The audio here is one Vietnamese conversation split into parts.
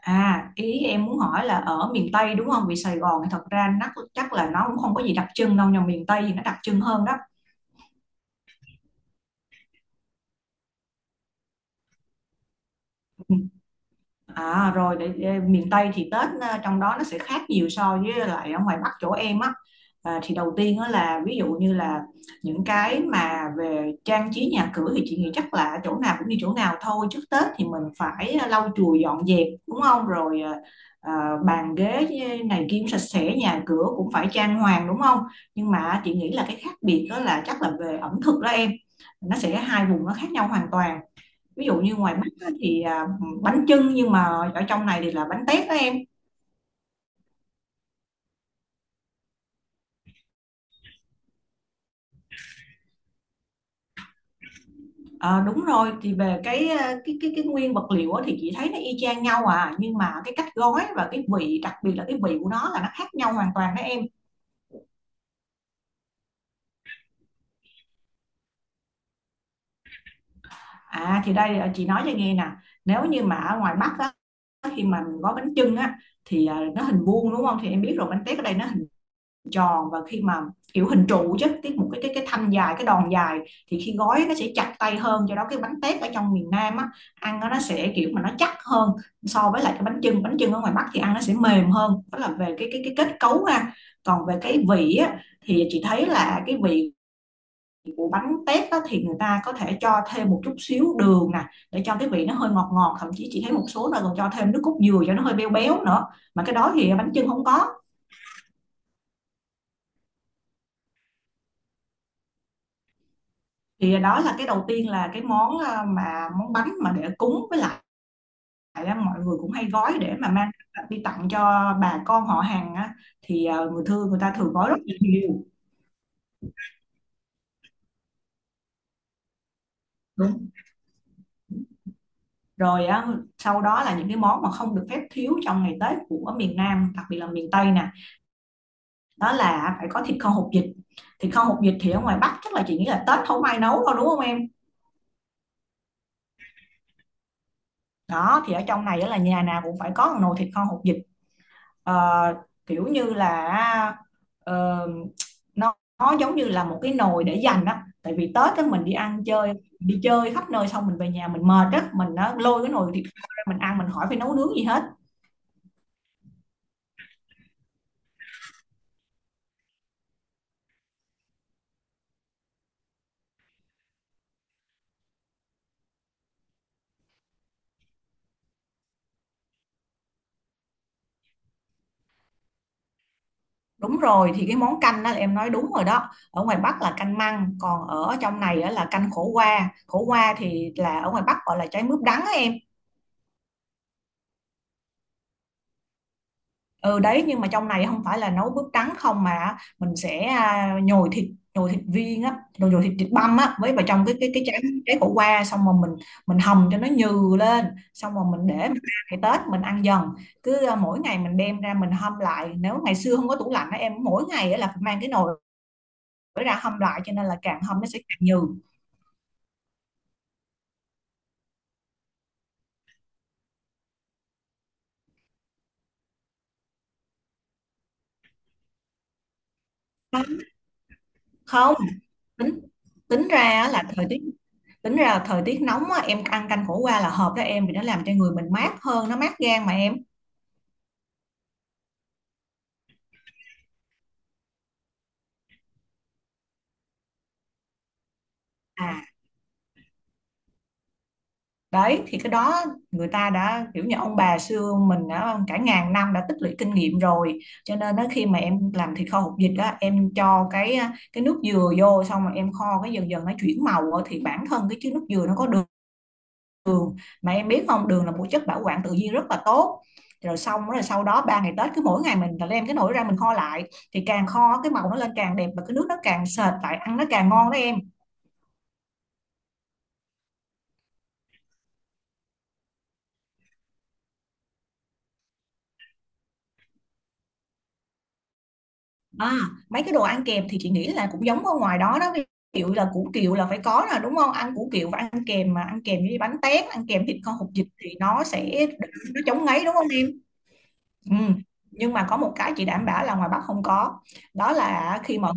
À, ý em muốn hỏi là ở miền Tây đúng không? Vì Sài Gòn thì thật ra nó chắc là nó cũng không có gì đặc trưng đâu, nhưng miền Tây thì nó đặc trưng hơn đó. À rồi để miền Tây thì Tết trong đó nó sẽ khác nhiều so với lại ở ngoài Bắc chỗ em á. À, thì đầu tiên á là ví dụ như là những cái mà về trang trí nhà cửa thì chị nghĩ chắc là chỗ nào cũng như chỗ nào thôi. Trước Tết thì mình phải lau chùi dọn dẹp đúng không? Rồi ờ, bàn ghế này kia cũng sạch sẽ, nhà cửa cũng phải trang hoàng đúng không? Nhưng mà chị nghĩ là cái khác biệt đó là chắc là về ẩm thực đó em. Nó sẽ hai vùng nó khác nhau hoàn toàn, ví dụ như ngoài Bắc á, thì bánh chưng, nhưng mà ở trong này thì là bánh tét đó em. Ờ, đúng rồi, thì về cái cái nguyên vật liệu á thì chị thấy nó y chang nhau, à nhưng mà cái cách gói và cái vị, đặc biệt là cái vị của nó là nó khác nhau hoàn toàn đó em. À thì đây, à, chị nói cho nghe nè, nếu như mà ở ngoài Bắc á, khi mà mình gói bánh chưng á thì nó hình vuông đúng không, thì em biết rồi, bánh tét ở đây nó tròn, và khi mà kiểu hình trụ chứ, cái một cái thanh dài, cái đòn dài, thì khi gói nó sẽ chặt tay hơn, do đó cái bánh tét ở trong miền Nam á ăn nó sẽ kiểu mà nó chắc hơn so với lại cái bánh chưng, bánh chưng ở ngoài Bắc thì ăn nó sẽ mềm hơn. Đó là về cái cái kết cấu ha. Còn về cái vị á thì chị thấy là cái vị của bánh tét á, thì người ta có thể cho thêm một chút xíu đường nè, để cho cái vị nó hơi ngọt ngọt, thậm chí chị thấy một số nơi còn cho thêm nước cốt dừa cho nó hơi béo béo nữa, mà cái đó thì bánh chưng không có. Thì đó là cái đầu tiên, là cái món, mà món bánh mà để cúng, với lại á, mọi người cũng hay gói để mà mang đi tặng cho bà con họ hàng á, thì người thương người ta thường gói rất là nhiều. Đúng rồi á, sau đó là những cái món mà không được phép thiếu trong ngày Tết của miền Nam, đặc biệt là miền Tây nè, đó là phải có thịt kho hột vịt. Thịt kho hột vịt thì ở ngoài Bắc chắc là chị nghĩ là Tết không ai nấu đâu đúng không em. Đó thì ở trong này á là nhà nào cũng phải có một nồi thịt kho hột vịt. Ờ, kiểu như là ờ, nó giống như là một cái nồi để dành á, tại vì Tết á mình đi ăn chơi, đi chơi khắp nơi xong mình về nhà mình mệt á, mình á, lôi cái nồi thịt kho ra mình ăn, mình hỏi phải nấu nướng gì hết. Đúng rồi, thì cái món canh đó là em nói đúng rồi đó, ở ngoài Bắc là canh măng, còn ở trong này á, là canh khổ qua. Khổ qua thì là ở ngoài Bắc gọi là trái mướp đắng á em. Ừ đấy, nhưng mà trong này không phải là nấu bước trắng không, mà mình sẽ à, nhồi thịt, nhồi thịt viên á, rồi nhồi thịt, thịt băm á với vào trong cái cái trái, trái khổ qua, xong rồi mình hầm cho nó nhừ lên, xong rồi mình để mình ăn, ngày Tết mình ăn dần, cứ à, mỗi ngày mình đem ra mình hâm lại. Nếu ngày xưa không có tủ lạnh á em, mỗi ngày á là phải mang cái nồi ra hâm lại, cho nên là càng hâm nó sẽ càng nhừ. Không, tính tính ra á là thời tiết, tính ra là thời tiết nóng á, em ăn canh khổ qua là hợp đó em, vì nó làm cho người mình mát hơn, nó mát gan mà em. À, đấy thì cái đó người ta đã kiểu như ông bà xưa mình đã cả ngàn năm đã tích lũy kinh nghiệm rồi, cho nên đó, khi mà em làm thịt kho hột vịt đó, em cho cái nước dừa vô, xong rồi em kho cái dần dần nó chuyển màu á, thì bản thân cái chứa nước dừa nó có đường, mà em biết không, đường là một chất bảo quản tự nhiên rất là tốt. Rồi xong rồi sau đó ba ngày Tết, cứ mỗi ngày mình là đem cái nồi ra mình kho lại, thì càng kho cái màu nó lên càng đẹp, và cái nước nó càng sệt lại, ăn nó càng ngon đó em. À, mấy cái đồ ăn kèm thì chị nghĩ là cũng giống ở ngoài đó đó, ví dụ là củ kiệu là phải có là đúng không, ăn củ kiệu và ăn kèm, mà ăn kèm với bánh tét, ăn kèm thịt kho hột vịt thì nó sẽ, nó chống ngấy đúng không em. Ừ. Nhưng mà có một cái chị đảm bảo là ngoài Bắc không có, đó là khi mọi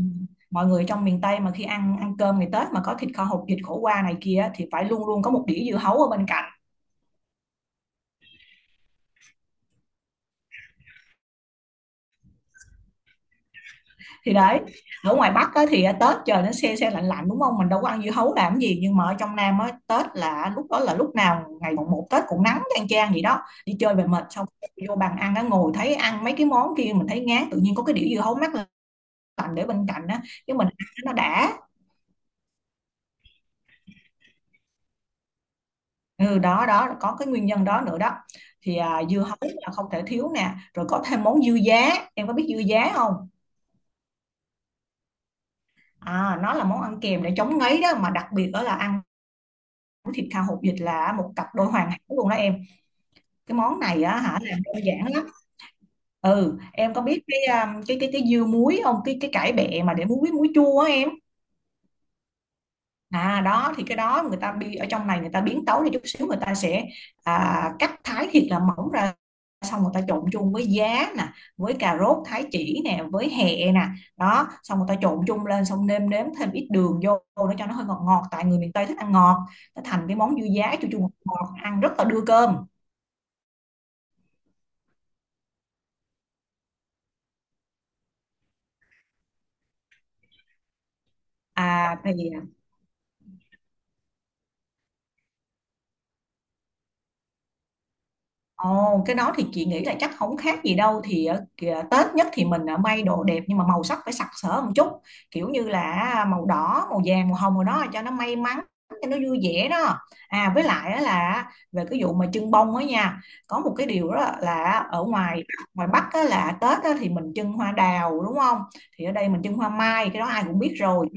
mọi người trong miền Tây mà khi ăn, ăn cơm ngày Tết mà có thịt kho hột vịt, khổ qua này kia, thì phải luôn luôn có một đĩa dưa hấu ở bên cạnh. Thì đấy, ở ngoài Bắc á, thì Tết trời nó se se lạnh lạnh đúng không, mình đâu có ăn dưa hấu làm gì, nhưng mà ở trong Nam á, Tết là lúc đó là lúc nào ngày mùng một Tết cũng nắng chang chang gì đó, đi chơi về mệt xong vô bàn ăn á, ngồi thấy ăn mấy cái món kia mình thấy ngán, tự nhiên có cái đĩa dưa hấu mát lạnh để bên cạnh á, cái mình ăn nó đã. Ừ, đó đó, có cái nguyên nhân đó nữa đó. Thì à, dưa hấu là không thể thiếu nè, rồi có thêm món dưa giá, em có biết dưa giá không. À nó là món ăn kèm để chống ngấy đó, mà đặc biệt đó là ăn món thịt kho hột vịt là một cặp đôi hoàn hảo luôn đó em. Cái món này á hả, làm đơn giản lắm. Ừ em có biết cái cái dưa muối không, cái cải bẹ mà để muối, muối chua á em. À đó thì cái đó người ta bi, ở trong này người ta biến tấu đi chút xíu, người ta sẽ à, cắt thái thịt là mỏng ra, xong người ta trộn chung với giá nè, với cà rốt thái chỉ nè, với hẹ nè, đó xong người ta trộn chung lên, xong nêm nếm thêm ít đường vô để cho nó hơi ngọt ngọt, tại người miền Tây thích ăn ngọt, nó thành cái món dưa giá chua chua ngọt ngọt ăn rất là đưa cơm. À thì ồ, cái đó thì chị nghĩ là chắc không khác gì đâu, thì kìa, Tết nhất thì mình may đồ đẹp, nhưng mà màu sắc phải sặc sỡ một chút, kiểu như là màu đỏ, màu vàng, màu hồng rồi đó, cho nó may mắn, cho nó vui vẻ đó. À với lại á là về cái vụ mà trưng bông á nha, có một cái điều đó là ở ngoài ngoài Bắc á là Tết á thì mình trưng hoa đào đúng không, thì ở đây mình trưng hoa mai, cái đó ai cũng biết rồi.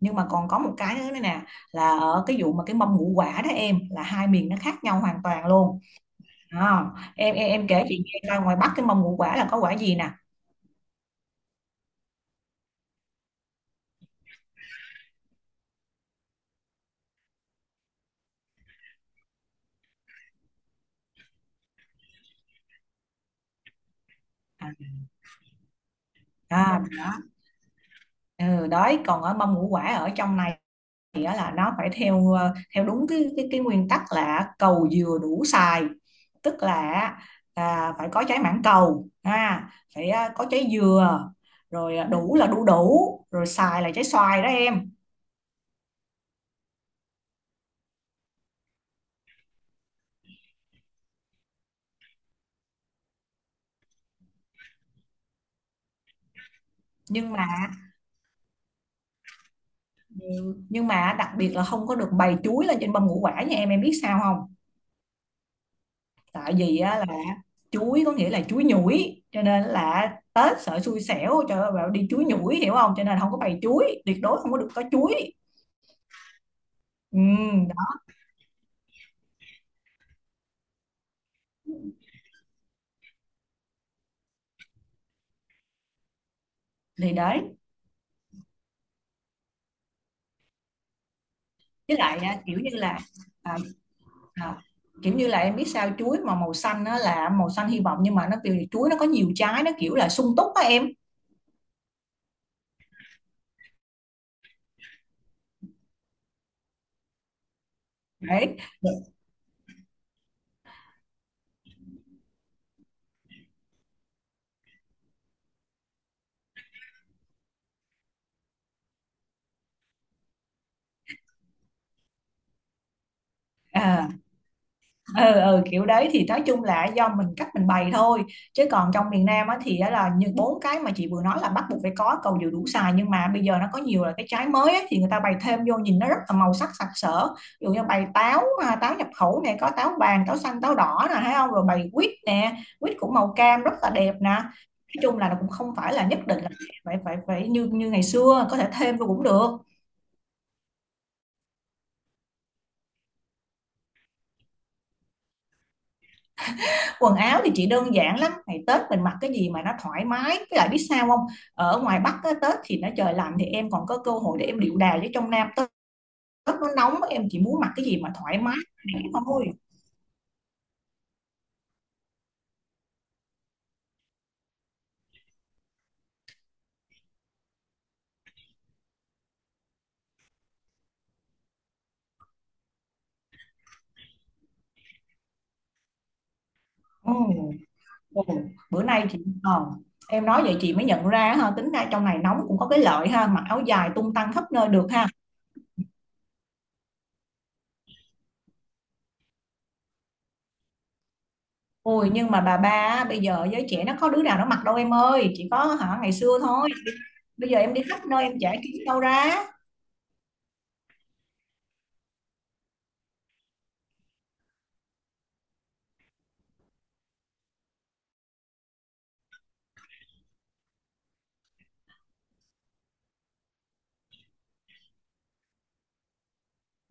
Nhưng mà còn có một cái nữa này nè, là ở cái vụ mà cái mâm ngũ quả đó em, là hai miền nó khác nhau hoàn toàn luôn. Ờ, em kể chị nghe coi, ngoài Bắc cái mâm ngũ quả là có quả gì nè. À, à, ừ, đấy, còn ở mâm ngũ quả ở trong này thì á là nó phải theo ờ, theo đúng cái cái nguyên tắc là cầu dừa đủ xài, tức là à, phải có trái mảng cầu ha, phải à, có trái dừa, rồi à, đủ là đu đủ, rồi xài là trái xoài đó em. Nhưng mà nhưng mà đặc biệt là không có được bày chuối lên trên mâm ngũ quả nha em biết sao không. Tại vì á là chuối có nghĩa là chuối nhủi, cho nên là Tết sợ xui xẻo, trời ơi bảo đi chuối nhủi hiểu không, cho nên không có bày chuối, tuyệt đối không có được có chuối. Ừ, đó. Thì đấy, với lại á, kiểu như là à, à, kiểu như là em biết sao, chuối mà màu xanh nó là màu xanh hy vọng, nhưng mà nó kiểu chuối nó có nhiều trái nó kiểu là sung túc á em. Đấy, à, ừ ừ, kiểu đấy thì nói chung là do mình cách mình bày thôi, chứ còn trong miền Nam á thì á là như bốn cái mà chị vừa nói là bắt buộc phải có cầu dừa đủ xài, nhưng mà bây giờ nó có nhiều là cái trái mới á, thì người ta bày thêm vô nhìn nó rất là màu sắc sặc sỡ, ví dụ như bày táo, à, táo nhập khẩu này có táo vàng, táo xanh, táo đỏ nè thấy không, rồi bày quýt nè, quýt cũng màu cam rất là đẹp nè, nói chung là nó cũng không phải là nhất định là phải phải phải như như ngày xưa, có thể thêm vô cũng được. Quần áo thì chị đơn giản lắm, ngày Tết mình mặc cái gì mà nó thoải mái, với lại biết sao không, ở ngoài Bắc á, Tết thì nó trời lạnh thì em còn có cơ hội để em điệu đà, với trong Nam Tết, Tết nó nóng em chỉ muốn mặc cái gì mà thoải mái để thôi. Ừ. Ừ. Bữa nay chị ờ, em nói vậy chị mới nhận ra ha, tính ra trong này nóng cũng có cái lợi ha, mặc áo dài tung tăng khắp nơi được ha. Ôi nhưng mà bà ba á, bây giờ giới trẻ nó có đứa nào nó mặc đâu em ơi, chỉ có hả ngày xưa thôi, bây giờ em đi khắp nơi em chả kiếm đâu ra.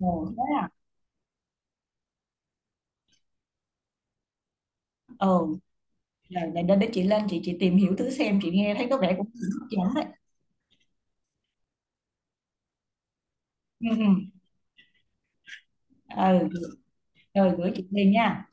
Ừ, thế à. Ừ. Rồi, để đến đấy chị lên chị tìm hiểu thử xem, chị nghe thấy có vẻ cũng hấp dẫn đấy. Ừ, ừ. Ừ, rồi gửi chị liền nha.